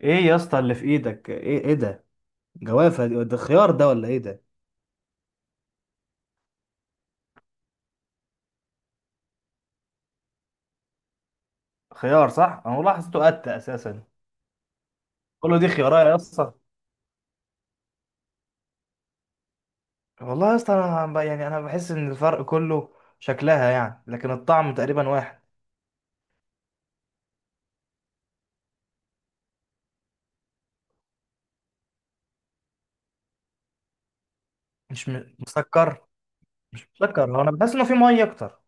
ايه يا اسطى اللي في ايدك؟ ايه ايه ده؟ جوافه دي، ده خيار ده ولا ايه ده؟ خيار صح، انا والله حسيته قتة اساسا. كله دي خيارات يا اسطى. والله يا اسطى انا يعني انا بحس ان الفرق كله شكلها يعني، لكن الطعم تقريبا واحد. مش مسكر. مش مسكر، هو انا بحس انه في ميه اكتر.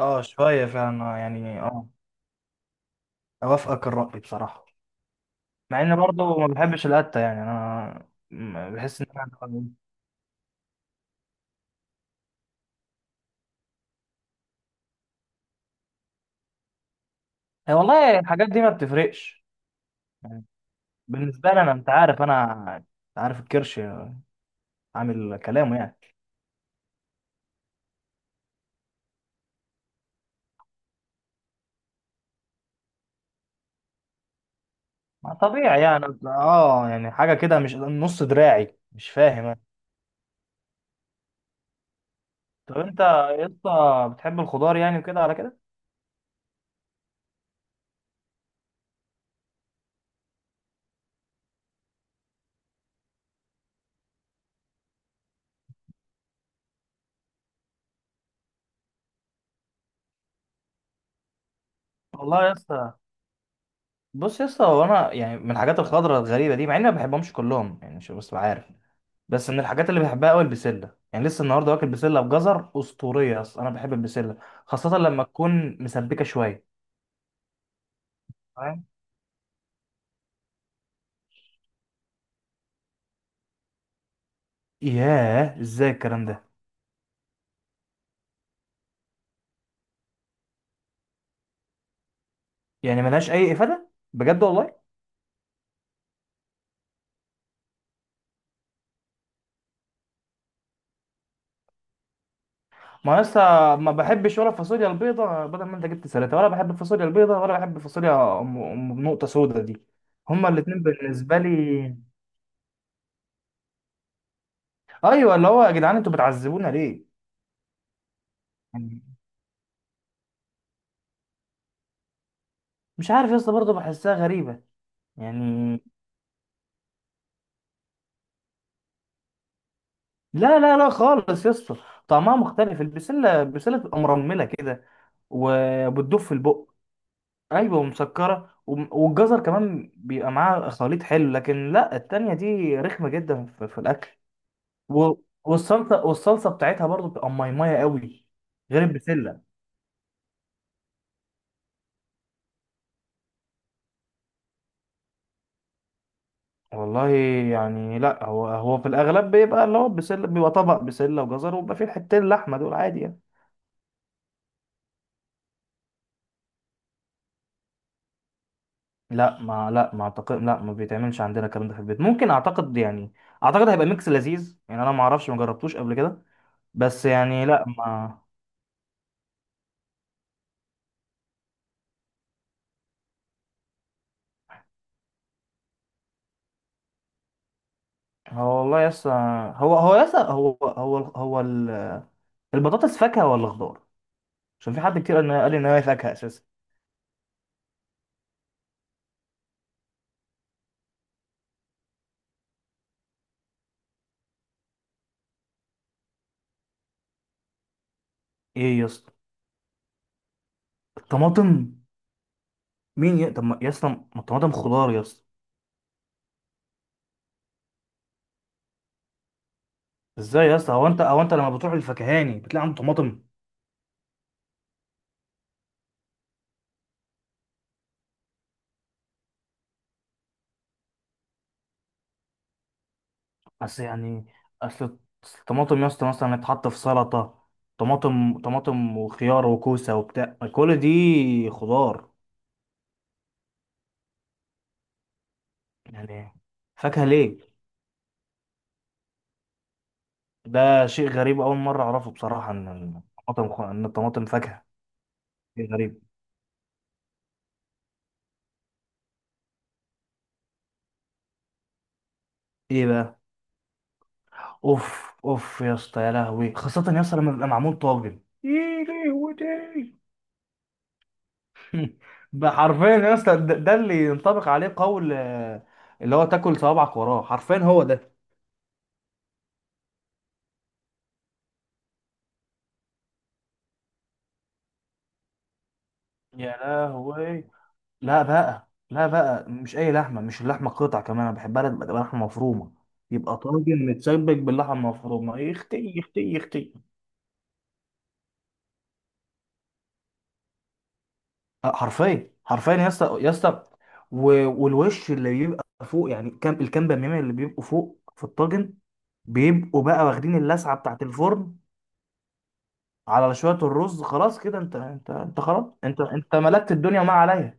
اه شويه فعلا، يعني اه. اوافقك الرأي بصراحه، مع اني برضه ما بحبش القتة يعني، انا بحس ان انا. إيه والله الحاجات دي ما بتفرقش يعني. بالنسبه لي انا، انت عارف انا، انت عارف الكرش عامل كلامه يعني. ما طبيعي يعني، اه يعني حاجه كده مش نص دراعي، مش فاهم انا. طب انت يا اسطى بتحب الخضار يعني وكده على كده؟ والله يا اسطى، بص يا اسطى هو انا يعني من الحاجات الخضراء الغريبه دي، مع اني ما بحبهمش كلهم يعني، مش بس عارف. بس من الحاجات اللي بحبها قوي البسله، يعني لسه النهارده واكل بسله بجزر اسطوريه. اصلا انا بحب البسله خاصه لما تكون مسبكه شويه، فاهم. ياه ازاي الكلام ده؟ يعني ملهاش اي افاده بجد والله؟ ما أنا لسه ما بحبش ولا الفاصوليا البيضة، بدل ما انت جبت سلطة، ولا بحب الفاصوليا البيضة ولا بحب الفاصوليا أم أم بنقطة سودا دي. هما الاتنين بالنسبة لي. ايوه اللي هو يا جدعان انتوا بتعذبونا ليه؟ يعني. مش عارف يا اسطى، برضه بحسها غريبة يعني. لا لا لا خالص يا اسطى، طعمها مختلف. البسلة بتبقى مرملة كده وبتدوب في البق. ايوه ومسكرة والجزر كمان بيبقى معاها خليط حلو، لكن لا، التانية دي رخمة جدا في الأكل. و- والصلصه، والصلصه بتاعتها برضو بتبقى ميميه قوي غير البسله. والله يعني لا، هو هو في الاغلب بيبقى اللي هو بسله، بيبقى طبق بسله وجزر، وبيبقى فيه حتتين لحمه دول عادي يعني. لا ما اعتقد، لا ما بيتعملش عندنا الكلام ده في البيت، ممكن اعتقد يعني. اعتقد هيبقى ميكس لذيذ يعني، انا ما اعرفش، ما جربتوش قبل كده. بس يعني لا ما. هو والله يس، هو يس، هو البطاطس فاكهة ولا خضار؟ عشان في حد كتير قال ان هي فاكهة اساسا. ايه يا اسطى؟ الطماطم؟ مين ي... طب يا اسطى ما الطماطم خضار يا اسطى. ازاي يا اسطى؟ هو انت لما بتروح للفكهاني بتلاقي عنده طماطم؟ اصل يعني، اصل، أصل الطماطم يا اسطى مثلا تتحط في سلطه، طماطم وخيار وكوسه وبتاع، كل دي خضار يعني. فاكهه ليه؟ ده شيء غريب، اول مره اعرفه بصراحه ان الطماطم ان الطماطم فاكهه. شيء غريب. ايه بقى؟ اوف اوف يا اسطى يا لهوي، خاصه يا اسطى لما بيبقى معمول طاجن، ايه لهوتي. ده حرفيا يا اسطى ده، ده اللي ينطبق عليه قول اللي هو تاكل صوابعك وراه، حرفيا هو ده. يا لهوي. لا بقى، لا بقى، مش اي لحمه، مش اللحمه قطع كمان، انا بحبها لما تبقى لحمه مفرومه. يبقى طاجن متسبك باللحمه المفرومه، يختي يختي يختي. حرفيا حرفيا يا اسطى يا اسطى. والوش اللي بيبقى فوق يعني، كام الكام بميمه اللي بيبقوا فوق في الطاجن، بيبقوا بقى واخدين اللسعه بتاعت الفرن على شوية الرز، خلاص كده انت انت خلاص، انت ملكت الدنيا وما عليا.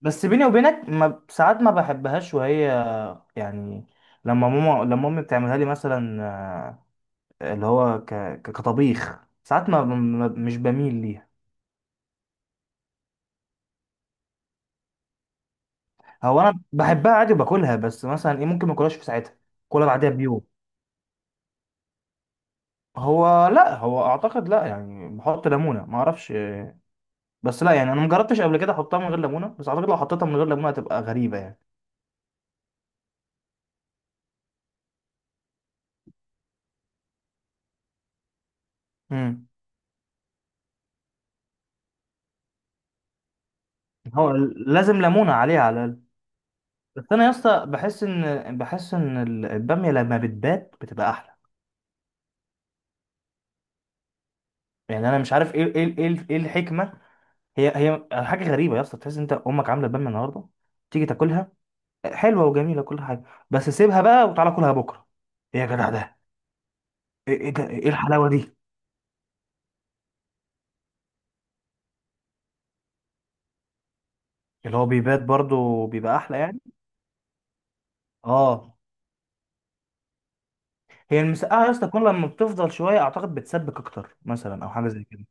بس بيني وبينك ما ساعات ما بحبهاش، وهي يعني لما ماما لما امي بتعملها لي مثلا، اللي هو ك... كطبيخ ساعات ما... ما مش بميل ليها. هو انا بحبها عادي وباكلها، بس مثلا ايه ممكن ما اكلهاش في ساعتها، كلها بعدها بيوم. هو لا، هو اعتقد لا، يعني بحط ليمونه، ما اعرفش. بس لا يعني، انا مجربتش قبل كده احطها من غير ليمونه، بس اعتقد لو حطيتها من غير ليمونه هتبقى غريبه يعني. مم. هو لازم ليمونة عليها على الأقل. بس أنا يا اسطى بحس إن، بحس إن البامية لما بتبات بتبقى أحلى يعني. أنا مش عارف إيه الحكمة. هي حاجة غريبة يا اسطى، تحس إن أنت أمك عاملة بامية النهاردة، تيجي تاكلها حلوة وجميلة كل حاجة، بس سيبها بقى وتعالى كلها بكرة، إيه يا جدع ده؟ إيه الحلاوة دي؟ اللي هو بيبات برضه بيبقى أحلى يعني. آه. هي المسقعة يا اسطى كل لما بتفضل شوية أعتقد بتسبك أكتر مثلا، أو حاجة زي كده.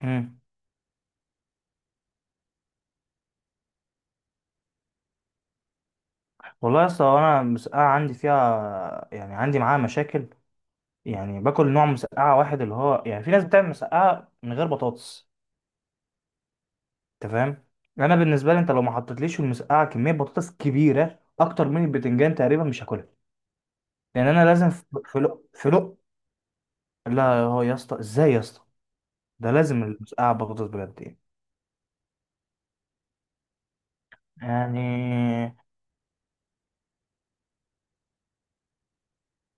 امم. والله يا اسطى، هو انا المسقعه عندي فيها يعني، عندي معاها مشاكل يعني. باكل نوع مسقعه واحد، اللي هو يعني في ناس بتعمل مسقعه من غير بطاطس. انت فاهم؟ انا بالنسبه لي، انت لو ما حطيتليش في المسقعه كميه بطاطس كبيره اكتر من البتنجان تقريبا مش هاكلها. لان انا لازم في لق في لق. لا هو يا اسطى، ازاي يا اسطى؟ ده لازم المسقعه بطاطس بجد يعني. يعني،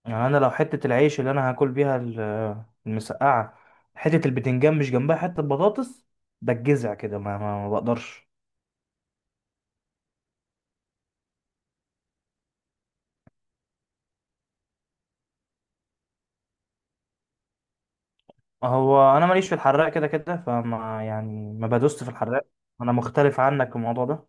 يعني انا لو حته العيش اللي انا هاكل بيها المسقعه، حته البتنجان مش جنبها حته بطاطس، بتجزع كده، ما بقدرش. هو انا ماليش في الحراق كده كده، فما يعني ما بدوست في الحراق. انا مختلف عنك في الموضوع ده.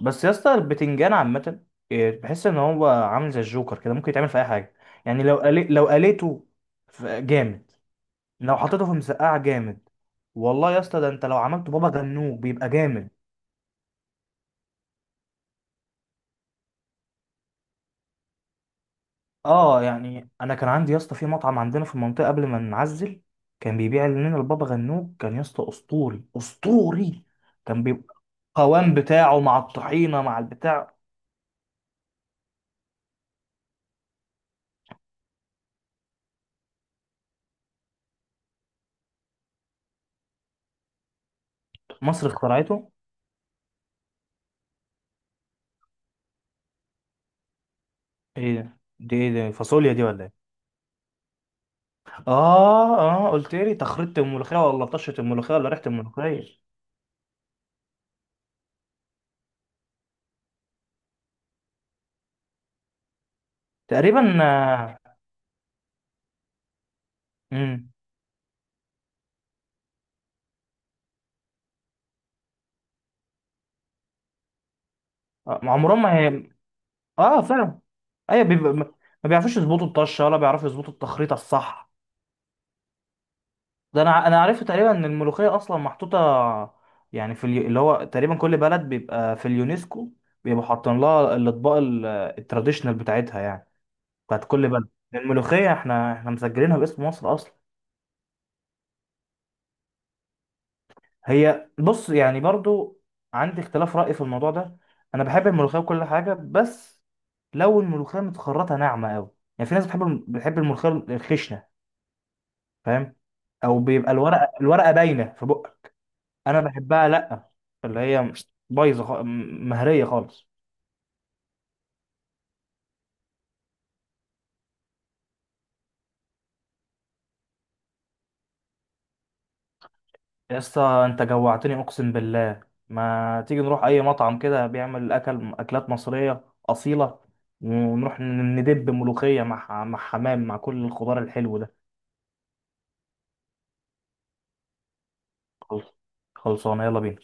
بس يا اسطى البتنجان عامه، بحس ان هو عامل زي الجوكر كده، ممكن يتعمل في اي حاجه يعني. لو قلي... لو قليته جامد، لو حطيته في مسقعه جامد. والله يا اسطى ده انت لو عملته بابا غنوج بيبقى جامد. اه يعني انا كان عندي يا اسطى في مطعم عندنا في المنطقه قبل ما نعزل، كان بيبيع لنا البابا غنوج، كان يا اسطى اسطوري اسطوري. كان بيبقى القوام بتاعه مع الطحينه مع البتاع. مصر اخترعته. ايه ده؟ دي ايه ده، فاصوليا دي ولا ايه؟ اه اه، قلت لي تخريطه الملوخيه ولا طشه الملوخيه ولا ريحه الملوخيه؟ تقريبا. امم. عمرهم ما هي. اه فعلا. ايوه بيبقى ما، ما بيعرفوش يظبطوا الطشه، ولا بيعرفوا يظبطوا التخريطه الصح. ده انا عرفت تقريبا ان الملوخيه اصلا محطوطه يعني في اليو... اللي هو تقريبا كل بلد بيبقى في اليونسكو بيبقوا حاطين لها الاطباق التراديشنال بتاعتها يعني، بتاعت كل بلد. الملوخيه احنا مسجلينها باسم مصر اصلا. هي بص يعني برضو عندي اختلاف راي في الموضوع ده. انا بحب الملوخيه وكل حاجه، بس لو الملوخيه متخرطه ناعمه قوي. يعني في ناس بتحب بتحب الملوخيه الخشنه، فاهم؟ او بيبقى الورقه باينه في بقك. انا بحبها لا، اللي هي بايظه مهريه خالص. يا اسطى انت جوعتني اقسم بالله. ما تيجي نروح اي مطعم كده بيعمل اكل، اكلات مصريه اصيله، ونروح ندب ملوخيه مع مع حمام مع كل الخضار الحلو ده. خلص، خلصانه، يلا بينا.